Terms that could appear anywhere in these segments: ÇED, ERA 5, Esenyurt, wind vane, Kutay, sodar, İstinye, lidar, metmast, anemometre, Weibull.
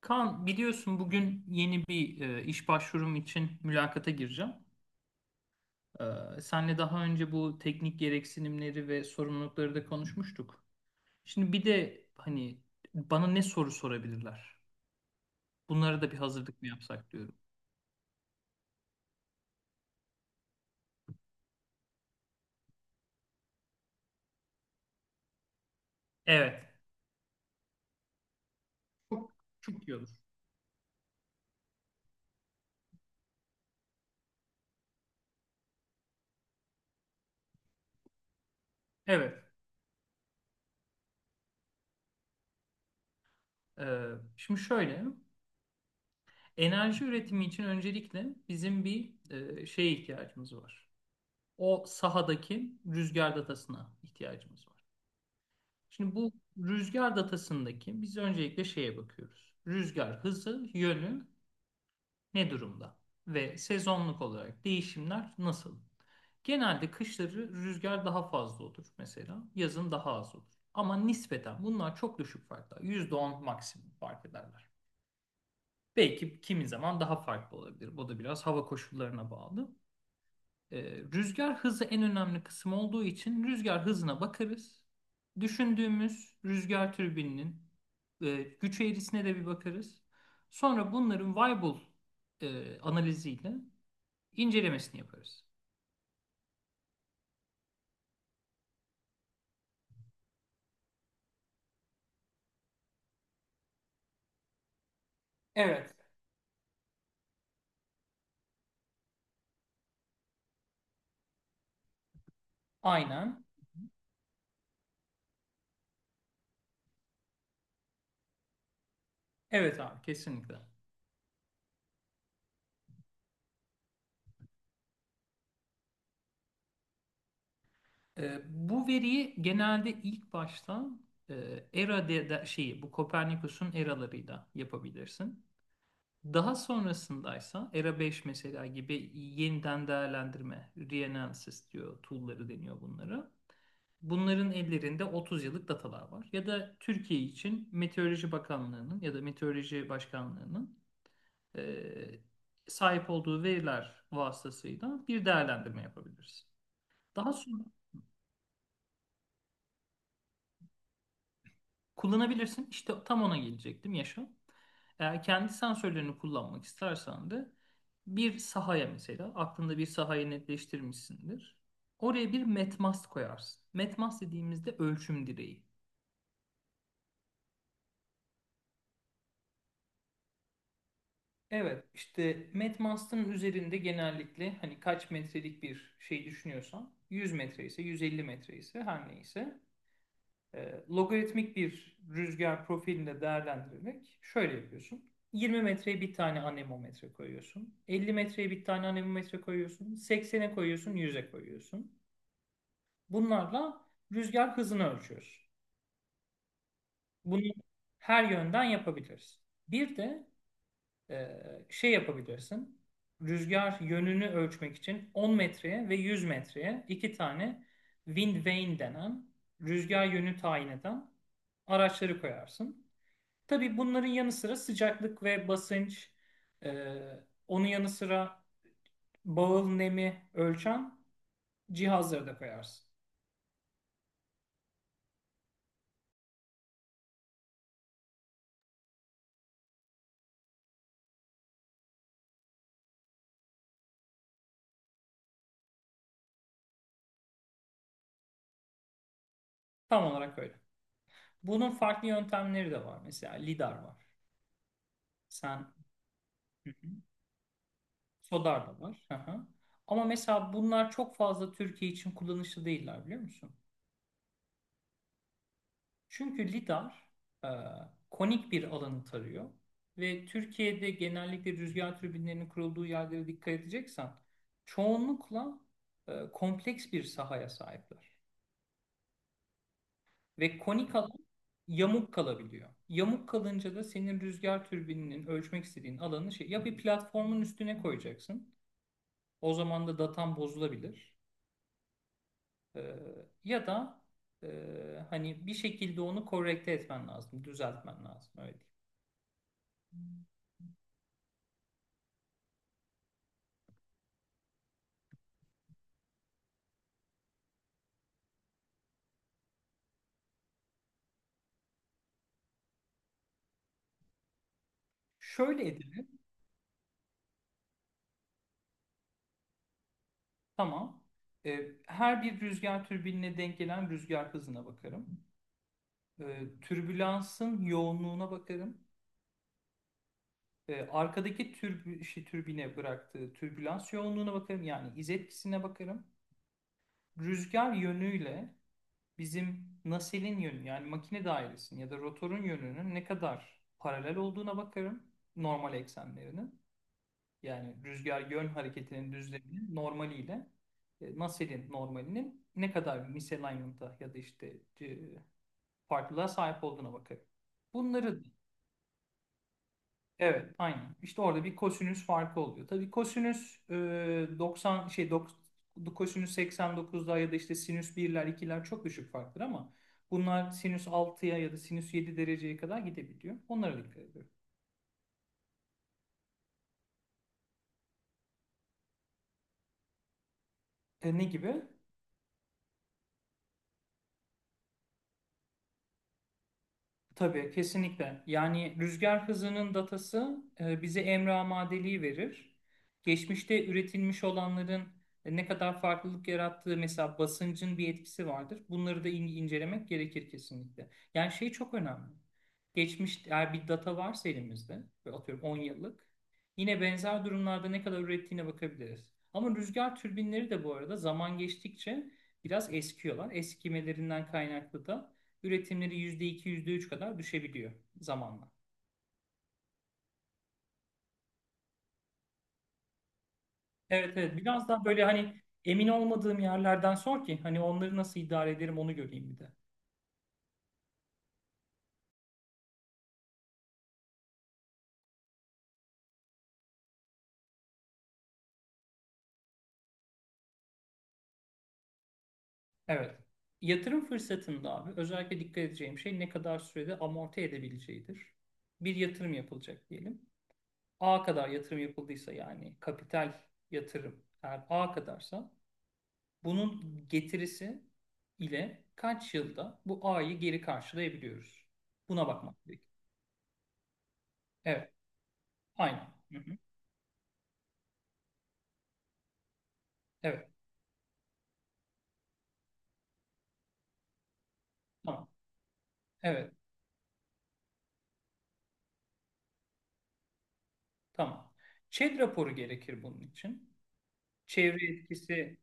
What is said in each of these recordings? Kaan biliyorsun bugün yeni bir iş başvurum için mülakata gireceğim. Senle daha önce bu teknik gereksinimleri ve sorumlulukları da konuşmuştuk. Şimdi bir de hani bana ne soru sorabilirler? Bunlara da bir hazırlık mı yapsak diyorum. Evet. Çok, çok iyi olur. Evet. E, şimdi şöyle, enerji üretimi için öncelikle bizim bir şeye ihtiyacımız var. O sahadaki rüzgar datasına ihtiyacımız var. Şimdi bu rüzgar datasındaki biz öncelikle şeye bakıyoruz. Rüzgar hızı, yönü ne durumda? Ve sezonluk olarak değişimler nasıl? Genelde kışları rüzgar daha fazla olur mesela. Yazın daha az olur. Ama nispeten bunlar çok düşük farklar. %10 maksimum fark ederler. Belki kimi zaman daha farklı olabilir. Bu da biraz hava koşullarına bağlı. Ee, rüzgar hızı en önemli kısım olduğu için rüzgar hızına bakarız. Düşündüğümüz rüzgar türbininin güç eğrisine de bir bakarız. Sonra bunların Weibull analiziyle incelemesini yaparız. Evet. Aynen. Evet abi kesinlikle. Bu veriyi genelde ilk başta şeyi bu Kopernikus'un eralarıyla yapabilirsin. Daha sonrasındaysa ERA 5 mesela gibi yeniden değerlendirme, reanalysis diyor, tool'ları deniyor bunlara. Bunların ellerinde 30 yıllık datalar var. Ya da Türkiye için Meteoroloji Bakanlığı'nın ya da Meteoroloji Başkanlığı'nın eee, sahip olduğu veriler vasıtasıyla bir değerlendirme yapabiliriz. Daha sonra. Kullanabilirsin. İşte tam ona gelecektim Yaşa. Eğer kendi sensörlerini kullanmak istersen de bir sahaya mesela aklında bir sahayı netleştirmişsindir. Oraya bir metmast koyarsın. Metmast dediğimizde ölçüm direği. Evet, işte metmastın üzerinde genellikle hani kaç metrelik bir şey düşünüyorsan 100 metre ise 150 metre ise her neyse logaritmik bir rüzgar profilinde değerlendirmek şöyle yapıyorsun. 20 metreye bir tane anemometre koyuyorsun. 50 metreye bir tane anemometre koyuyorsun. 80'e koyuyorsun, 100'e koyuyorsun. Bunlarla rüzgar hızını ölçüyoruz. Bunu her yönden yapabiliriz. Bir de e, şey yapabilirsin. Rüzgar yönünü ölçmek için 10 metreye ve 100 metreye iki tane wind vane denen rüzgar yönü tayin eden araçları koyarsın. Tabii bunların yanı sıra sıcaklık ve basınç, e, onun yanı sıra bağıl nemi ölçen cihazları da koyarsın. Tam olarak öyle. Bunun farklı yöntemleri de var. Mesela lidar var. Sen sodar da var. Hı hı. Ama mesela bunlar çok fazla Türkiye için kullanışlı değiller biliyor musun? Çünkü lidar e, konik bir alanı tarıyor ve Türkiye'de genellikle rüzgar türbinlerinin kurulduğu yerlere dikkat edeceksen çoğunlukla kompleks bir sahaya sahipler. Ve konik alan yamuk kalabiliyor. Yamuk kalınca da senin rüzgar türbininin ölçmek istediğin alanı ya bir platformun üstüne koyacaksın. O zaman da datan bozulabilir. E, ya da e, hani bir şekilde onu korrekte etmen lazım, düzeltmen lazım öyle diyeyim. Şöyle Tamam. Her bir rüzgar türbinine denk gelen rüzgar hızına bakarım. Türbülansın yoğunluğuna bakarım. Arkadaki türbine bıraktığı türbülans yoğunluğuna bakarım. Yani iz etkisine bakarım. Rüzgar yönüyle bizim naselin yönü yani makine dairesinin ya da rotorun yönünün ne kadar paralel olduğuna bakarım. Normal eksenlerinin. Yani rüzgar yön hareketinin düzleminin normaliyle Nusselt'in normalinin ne kadar misalignment'a ya da işte farklılığa sahip olduğuna bakarım. Bunları evet aynen. İşte orada bir kosinüs farkı oluyor. Tabii kosinüs 90 kosinüs 89'da ya da işte sinüs birler ikiler çok düşük farktır ama bunlar sinüs 6'ya ya da sinüs 7 dereceye kadar gidebiliyor. Onlara dikkat ediyorum. Ne gibi? Tabii kesinlikle. Yani rüzgar hızının datası bize emre amadeliği verir. Geçmişte üretilmiş olanların ne kadar farklılık yarattığı mesela basıncın bir etkisi vardır. Bunları da incelemek gerekir kesinlikle. Yani şey çok önemli. Geçmiş eğer bir data varsa elimizde ve atıyorum 10 yıllık yine benzer durumlarda ne kadar ürettiğine bakabiliriz. Ama rüzgar türbinleri de bu arada zaman geçtikçe biraz eskiyorlar. Eskimelerinden kaynaklı da üretimleri %2 yüzde üç kadar düşebiliyor zamanla. Evet evet biraz daha böyle hani emin olmadığım yerlerden sor ki hani onları nasıl idare ederim onu göreyim bir de. Evet. Yatırım fırsatında abi özellikle dikkat edeceğim şey ne kadar sürede amorti edebileceğidir. Bir yatırım yapılacak diyelim. A kadar yatırım yapıldıysa yani kapital yatırım eğer A kadarsa bunun getirisi ile kaç yılda bu A'yı geri karşılayabiliyoruz? Buna bakmak gerekiyor. Evet, aynen. Hı hı. Evet, tamam. Evet, tamam. ÇED raporu gerekir bunun için. Çevre etkisi,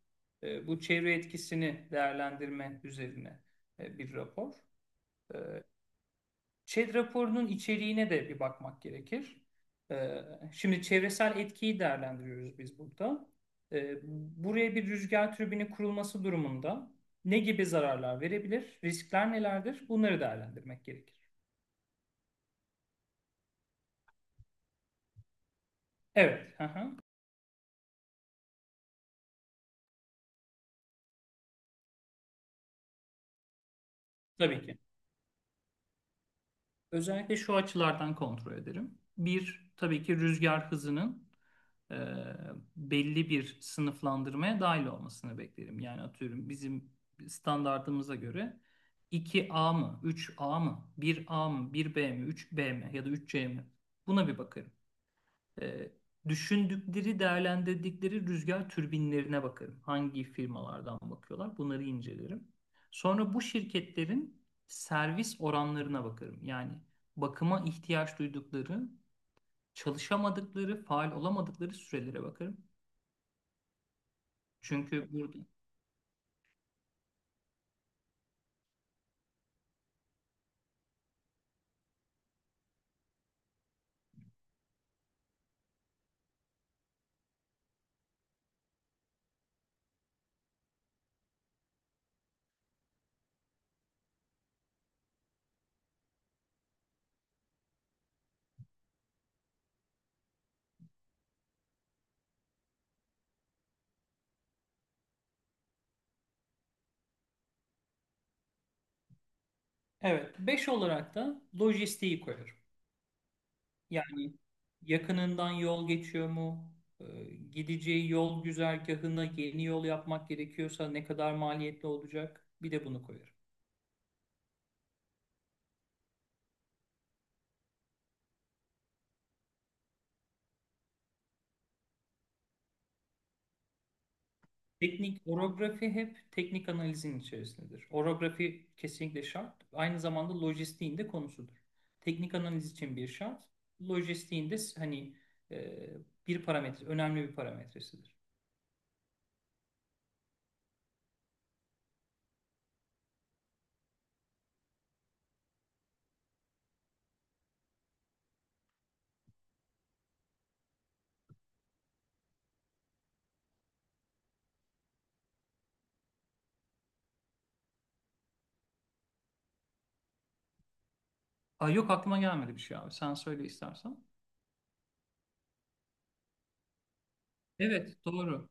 bu çevre etkisini değerlendirme üzerine bir rapor. E, ÇED raporunun içeriğine de bir bakmak gerekir. E, Şimdi çevresel etkiyi değerlendiriyoruz biz burada. E, Buraya bir rüzgar türbini kurulması durumunda ne gibi zararlar verebilir, riskler nelerdir? Bunları değerlendirmek gerekir. Evet, hı hı. Tabii ki. Özellikle şu açılardan kontrol ederim. Bir, tabii ki rüzgar hızının e, belli bir sınıflandırmaya dahil olmasını beklerim. Yani atıyorum bizim standartımıza göre iki a mı, üç a mı, bir a mı, bir b mi, üç b mi ya da üç c mi? Buna bir bakarım. E, düşündükleri, değerlendirdikleri rüzgar türbinlerine bakarım. Hangi firmalardan bakıyorlar, bunları incelerim. Sonra bu şirketlerin servis oranlarına bakarım. Yani bakıma ihtiyaç duydukları, çalışamadıkları, faal olamadıkları sürelere bakarım. Çünkü burada Evet, beş olarak da lojistiği koyarım. Yani yakınından yol geçiyor mu? Ee, Gideceği yol güzergahına yeni yol yapmak gerekiyorsa ne kadar maliyetli olacak? Bir de bunu koyarım. Teknik orografi hep teknik analizin içerisindedir. Orografi kesinlikle şart. Aynı zamanda lojistiğin de konusudur. Teknik analiz için bir şart. Lojistiğin de hani e, bir parametre, önemli bir parametresidir. Aa, yok aklıma gelmedi bir şey abi. Sen söyle istersen. Evet, doğru.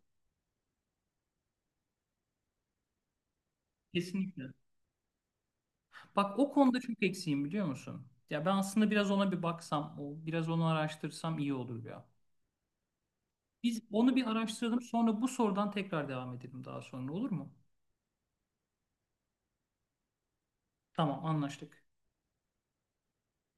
Kesinlikle. Bak o konuda çok eksiğim biliyor musun? Ya ben aslında biraz ona bir baksam, o biraz onu araştırsam iyi olur ya. Biz onu bir araştıralım, sonra bu sorudan tekrar devam edelim daha sonra olur mu? Tamam, anlaştık.